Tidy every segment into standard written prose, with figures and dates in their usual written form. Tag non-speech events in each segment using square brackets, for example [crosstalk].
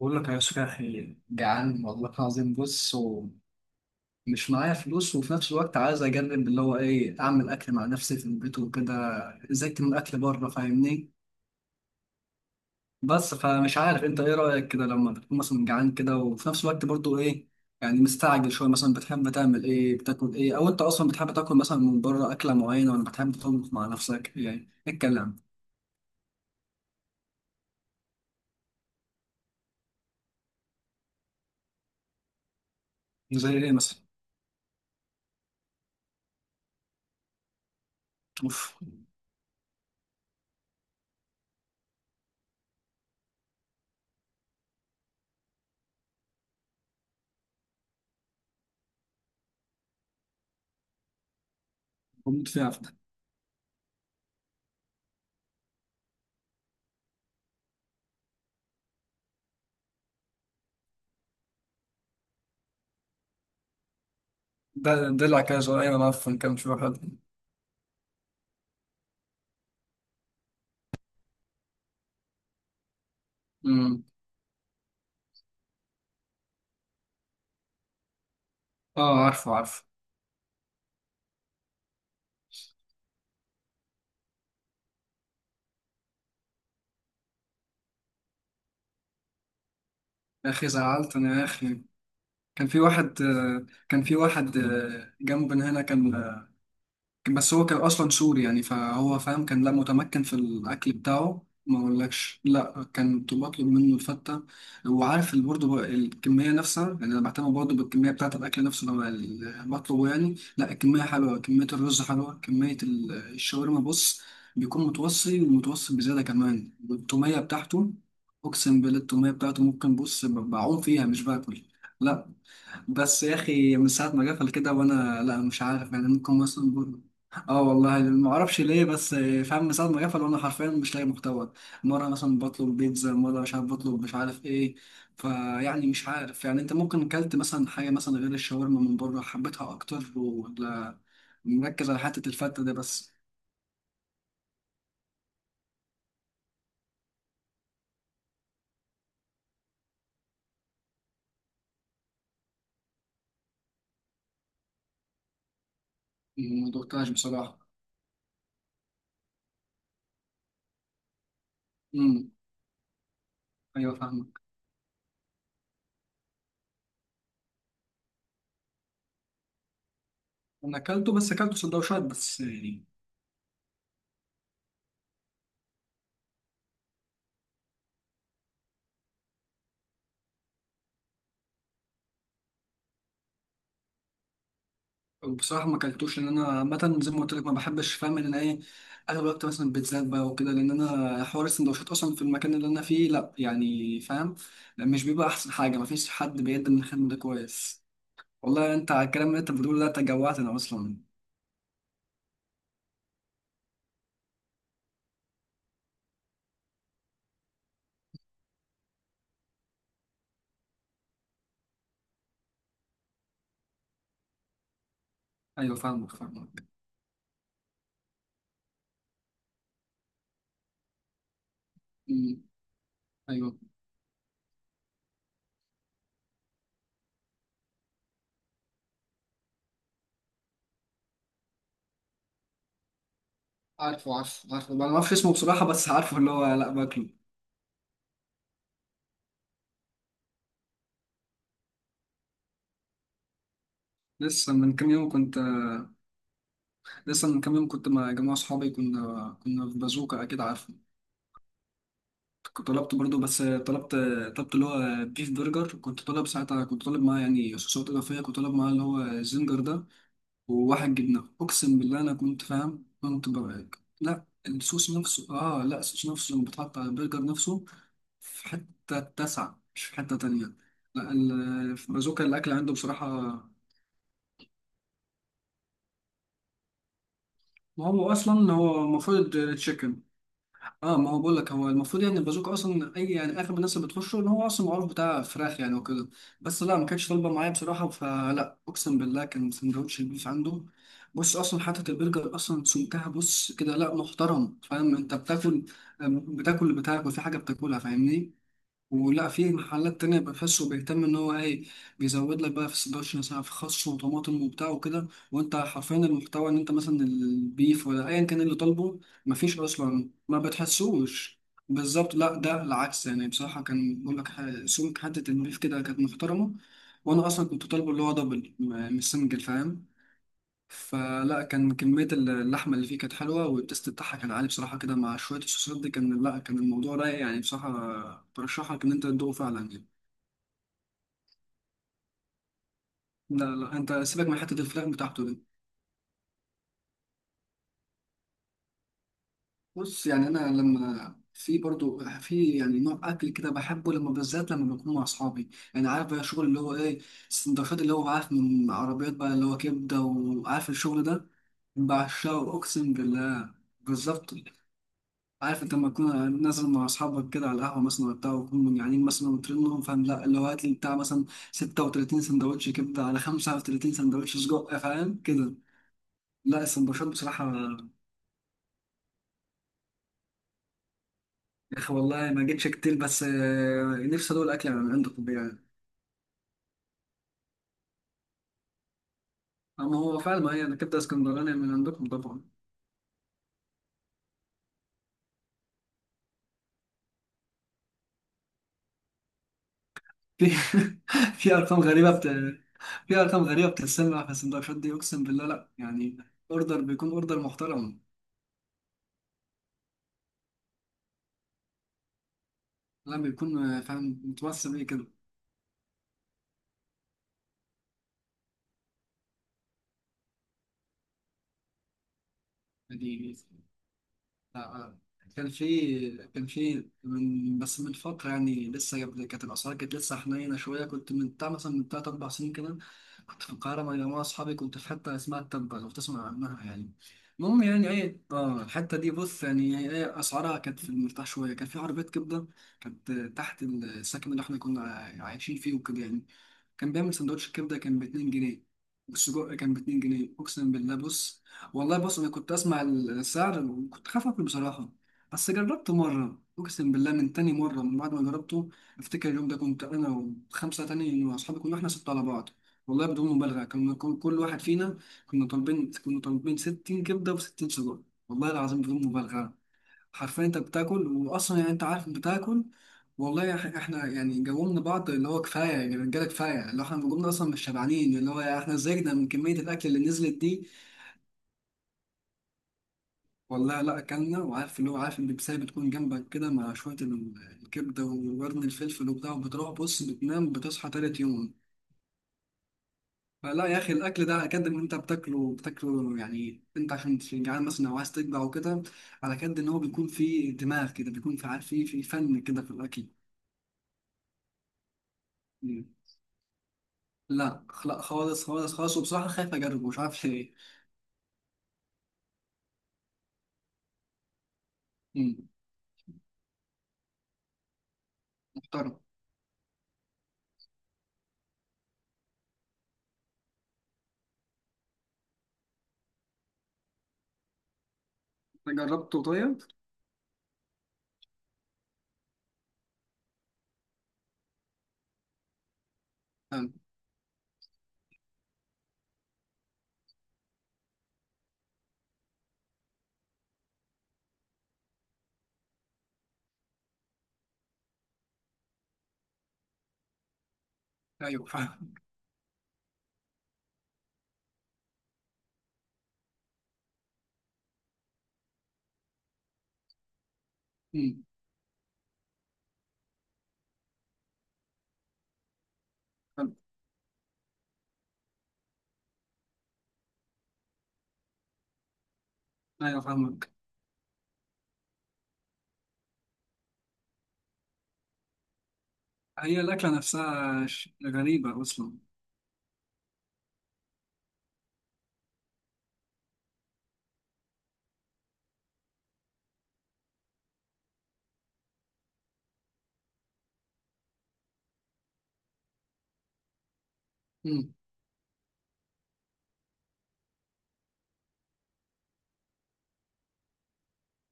بقول لك يا صاحبي، جعان والله العظيم. بص، ومش معايا فلوس، وفي نفس الوقت عايز اجرب اللي هو ايه، اعمل اكل مع نفسي في البيت وكده. زهقت من الاكل بره فاهمني. بس فمش عارف، انت ايه رايك كده لما تكون مثلا جعان كده وفي نفس الوقت برضو ايه، يعني مستعجل شويه، مثلا بتحب تعمل ايه؟ بتاكل ايه؟ او انت اصلا بتحب تاكل مثلا من بره اكله معينه، ولا بتحب تطبخ مع نفسك؟ يعني اتكلم. زي ايه مثلا؟ اوف، بموت فيها. ده دلع كده صغير، انا عارف كام شويه. حلو. اه، عارفه عارفه. يا اخي زعلت انا يا اخي. كان في واحد جنبنا هنا كان. بس هو كان اصلا سوري يعني، فهو فاهم كان، لا متمكن في الاكل بتاعه، ما اقولكش، لا كنت بطلب منه الفته. وعارف برضه بقى الكميه نفسها، يعني انا بعتمد برضه بالكميه بتاعه الاكل نفسه لما بطلبه، يعني لا الكميه حلوه، كميه الرز حلوه، كميه الشاورما بص، بيكون متوصي ومتوصي بزياده كمان. والتوميه بتاعته، اقسم بالله التوميه بتاعته ممكن، بص، بعوم فيها مش باكل. لا. بس يا اخي من ساعه ما قفل كده، وانا لا، مش عارف يعني، ممكن مثلا نقول. اه والله ما اعرفش ليه، بس فاهم من ساعه ما قفل وانا حرفيا مش لاقي محتوى. مره مثلا بطلب بيتزا، مره مش عارف بطلب مش عارف ايه. فيعني مش عارف يعني، انت ممكن كلت مثلا حاجه مثلا غير الشاورما من بره حبيتها اكتر، ولا مركز على حته الفته ده بس؟ ما دقتهاش بصراحه. امم. ايوه فاهمك. انا اكلته، بس اكلته سندوتشات بس يعني. بصراحة ما اكلتوش، لأن أنا عامة زي ما قلت لك ما بحبش، فاهم إن أنا إيه، أغلب الوقت مثلا بيتزات بقى وكده، لأن أنا حوار السندوتشات أصلا في المكان اللي أنا فيه لأ، يعني فاهم، مش بيبقى أحسن حاجة، مفيش حد بيقدم الخدمة ده كويس. والله أنت، على الكلام اللي أنت بتقوله ده أنت جوعتنا أصلا. أيوه فاهمك فاهمك. أمم. أيوه. عارفه عارفه عارفه، أنا ما أعرفش اسمه بصراحة، بس عارفه اللي هو، لأ باكله. لسه من كام يوم كنت لسه من كام يوم كنت مع جماعة صحابي، كنا في بازوكا أكيد عارفه. كنت طلبت برضو، بس طلبت اللي هو بيف برجر. كنت طالب ساعتها، كنت طالب معاه يعني صوصات إضافية، كنت طالب معاه اللي هو الزنجر ده، وواحد جبنة. أقسم بالله أنا كنت فاهم، كنت برقك، لا الصوص نفسه، لا الصوص نفسه لما بتحط على البرجر نفسه، في حتة تسعة مش في حتة تانية. لا في بازوكا الأكل عنده بصراحة، ما هو أصلا هو المفروض تشيكن. اه، ما هو بقول لك، هو المفروض يعني البازوكا اصلا، اي يعني اغلب الناس اللي بتخشه ان هو اصلا معروف بتاع فراخ يعني وكده. بس لا، ما كانتش طالبه معايا بصراحه، فلا، اقسم بالله كان سندوتش البيف عنده بص، اصلا حته البرجر اصلا سمكها بص كده، لا محترم، فاهم انت بتاكل، بتاكل اللي بتاكل، في حاجه بتاكلها فاهمني. ولا في محلات تانية بقى فاسو، بيهتم إن هو إيه، بيزود لك بقى في 16 ساعة، في خس وطماطم وبتاع وكده، وأنت حرفيا المحتوى إن أنت مثلا البيف ولا أيا كان اللي طالبه، مفيش أصلا ما بتحسوش. بالظبط، لا ده العكس، يعني بصراحة كان بقول لك، سمك حتة البيف كده كانت محترمة. وأنا أصلا كنت طالبه اللي هو دبل، مش سنجل فاهم. فلا كان كمية اللحمة اللي فيه كانت حلوة، والتست بتاعها كان عالي بصراحة كده، مع شوية الصوصات دي، كان لا، كان الموضوع رايق يعني، بصراحة برشحك إن أنت تدوقه فعلا يعني. لا لا، أنت سيبك من حتة الفراخ بتاعته دي. بص يعني، أنا لما في برضو في، يعني نوع أكل كده بحبه لما بالذات لما بكون مع أصحابي، يعني عارف بقى الشغل اللي هو إيه، السندوتشات اللي هو عارف من عربيات بقى، اللي هو كبدة، وعارف الشغل ده. بعشقه أقسم بالله. بالظبط. عارف انت لما تكون نازل مع اصحابك كده على القهوه مثلا وبتاع، وهم جعانين مثلا وترنهم فاهم، لا اللي هو هات لي بتاع مثلا 36 سندوتش كبده على 35 سندوتش سجق فاهم كده. لا السندوتشات بصراحه. يا اخي والله ما جيتش كتير، بس نفسي ادوق الاكل من عندكم يعني. اما هو فعلا، ما هي الكبده اسكندراني من عندكم طبعا. في [laughs] في ارقام غريبه بت... في ارقام غريبه بتتسمع في السندوتشات دي، اقسم بالله لا يعني. اوردر بيكون اوردر محترم. لا بيكون فاهم متوصي بيه كده. يعني لا، كان في من فترة، يعني لسه قبل، كانت الأسعار كانت لسه حنينة شوية، كنت من بتاع مثلا من تلات أربع سنين كده، كنت في القاهرة مع مجموعة أصحابي، كنت في حتة اسمها التبة لو تسمع عنها يعني. المهم يعني إيه، الحتة دي بص، يعني إيه، أسعارها كانت في المرتاح شوية، كان في عربية كبدة كانت تحت السكن اللي إحنا كنا عايشين فيه وكده يعني. كان بيعمل سندوتش كبدة كان باتنين جنيه، والسجق كان باتنين جنيه أقسم بالله بص. والله بص، أنا كنت أسمع السعر وكنت خايف أكل بصراحة. بس جربته مرة، أقسم بالله من تاني مرة من بعد ما جربته، أفتكر اليوم ده كنت أنا وخمسة تاني وأصحابي، كنا إحنا ستة على بعض. والله بدون مبالغة، كنا كل واحد فينا، كنا طالبين 60 كبدة و60 سجق، والله العظيم بدون مبالغة. حرفيا انت بتاكل، واصلا يعني انت عارف بتاكل. والله يا أخي احنا يعني جاوبنا بعض اللي هو كفاية، يعني رجالة كفاية اللي هو احنا جاوبنا اصلا، مش شبعانين، اللي هو احنا زهقنا من كمية الاكل اللي نزلت دي. والله لا اكلنا، وعارف اللي هو عارف البيبسية بتكون جنبك كده، مع شوية الكبدة وقرن الفلفل وبتاع، وبتروح بص بتنام بتصحى تالت يوم. فلا يا اخي، الاكل ده على قد ما انت بتاكله بتاكله يعني، انت عشان تكون جعان مثلا او عايز تشبع وكده، على قد ان هو بيكون فيه دماغ كده، بيكون في عارف، في فن كده في الاكل. مم. لا لا خالص خالص خالص، وبصراحه خايف اجربه مش عارف ليه. مم. محترم. أنت جربته طيب؟ حلو. ايوه فاهم. مم. حلو. ايوه فاهمك. هي الاكله نفسها غريبه اصلا.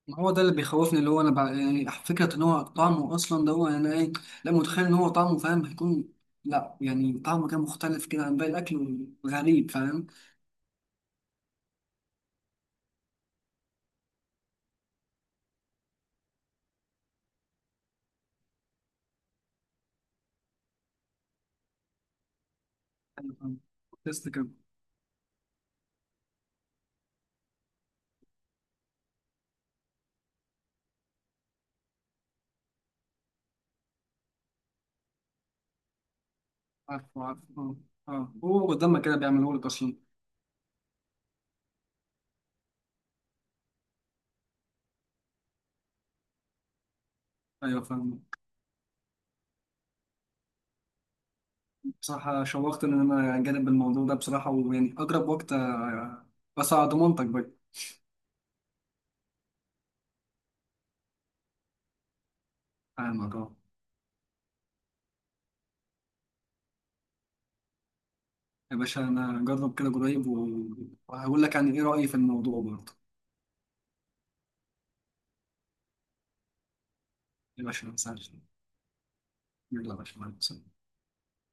ما هو ده اللي بيخوفني، اللي هو انا بقى يعني فكره ان هو طعمه اصلا ده هو يعني ايه، لا متخيل ان هو طعمه فاهم هيكون، لا يعني طعمه كان مختلف كده عن باقي الاكل، غريب فاهم. أيوة فاهم. تست كده. عارفه عارفه اه. اه هو قدامنا كده بيعملوا لك اصلا. ايوه فاهم. بصراحه شوقت ان انا اجرب الموضوع ده بصراحه، ويعني اقرب وقت بس على ضمانتك بقى. فاهمك اه. يا باشا انا اجرب كده قريب، وهقول لك يعني ايه رايي في الموضوع برضه. يا باشا ما تسالش. يلا يا باشا مع السلامة.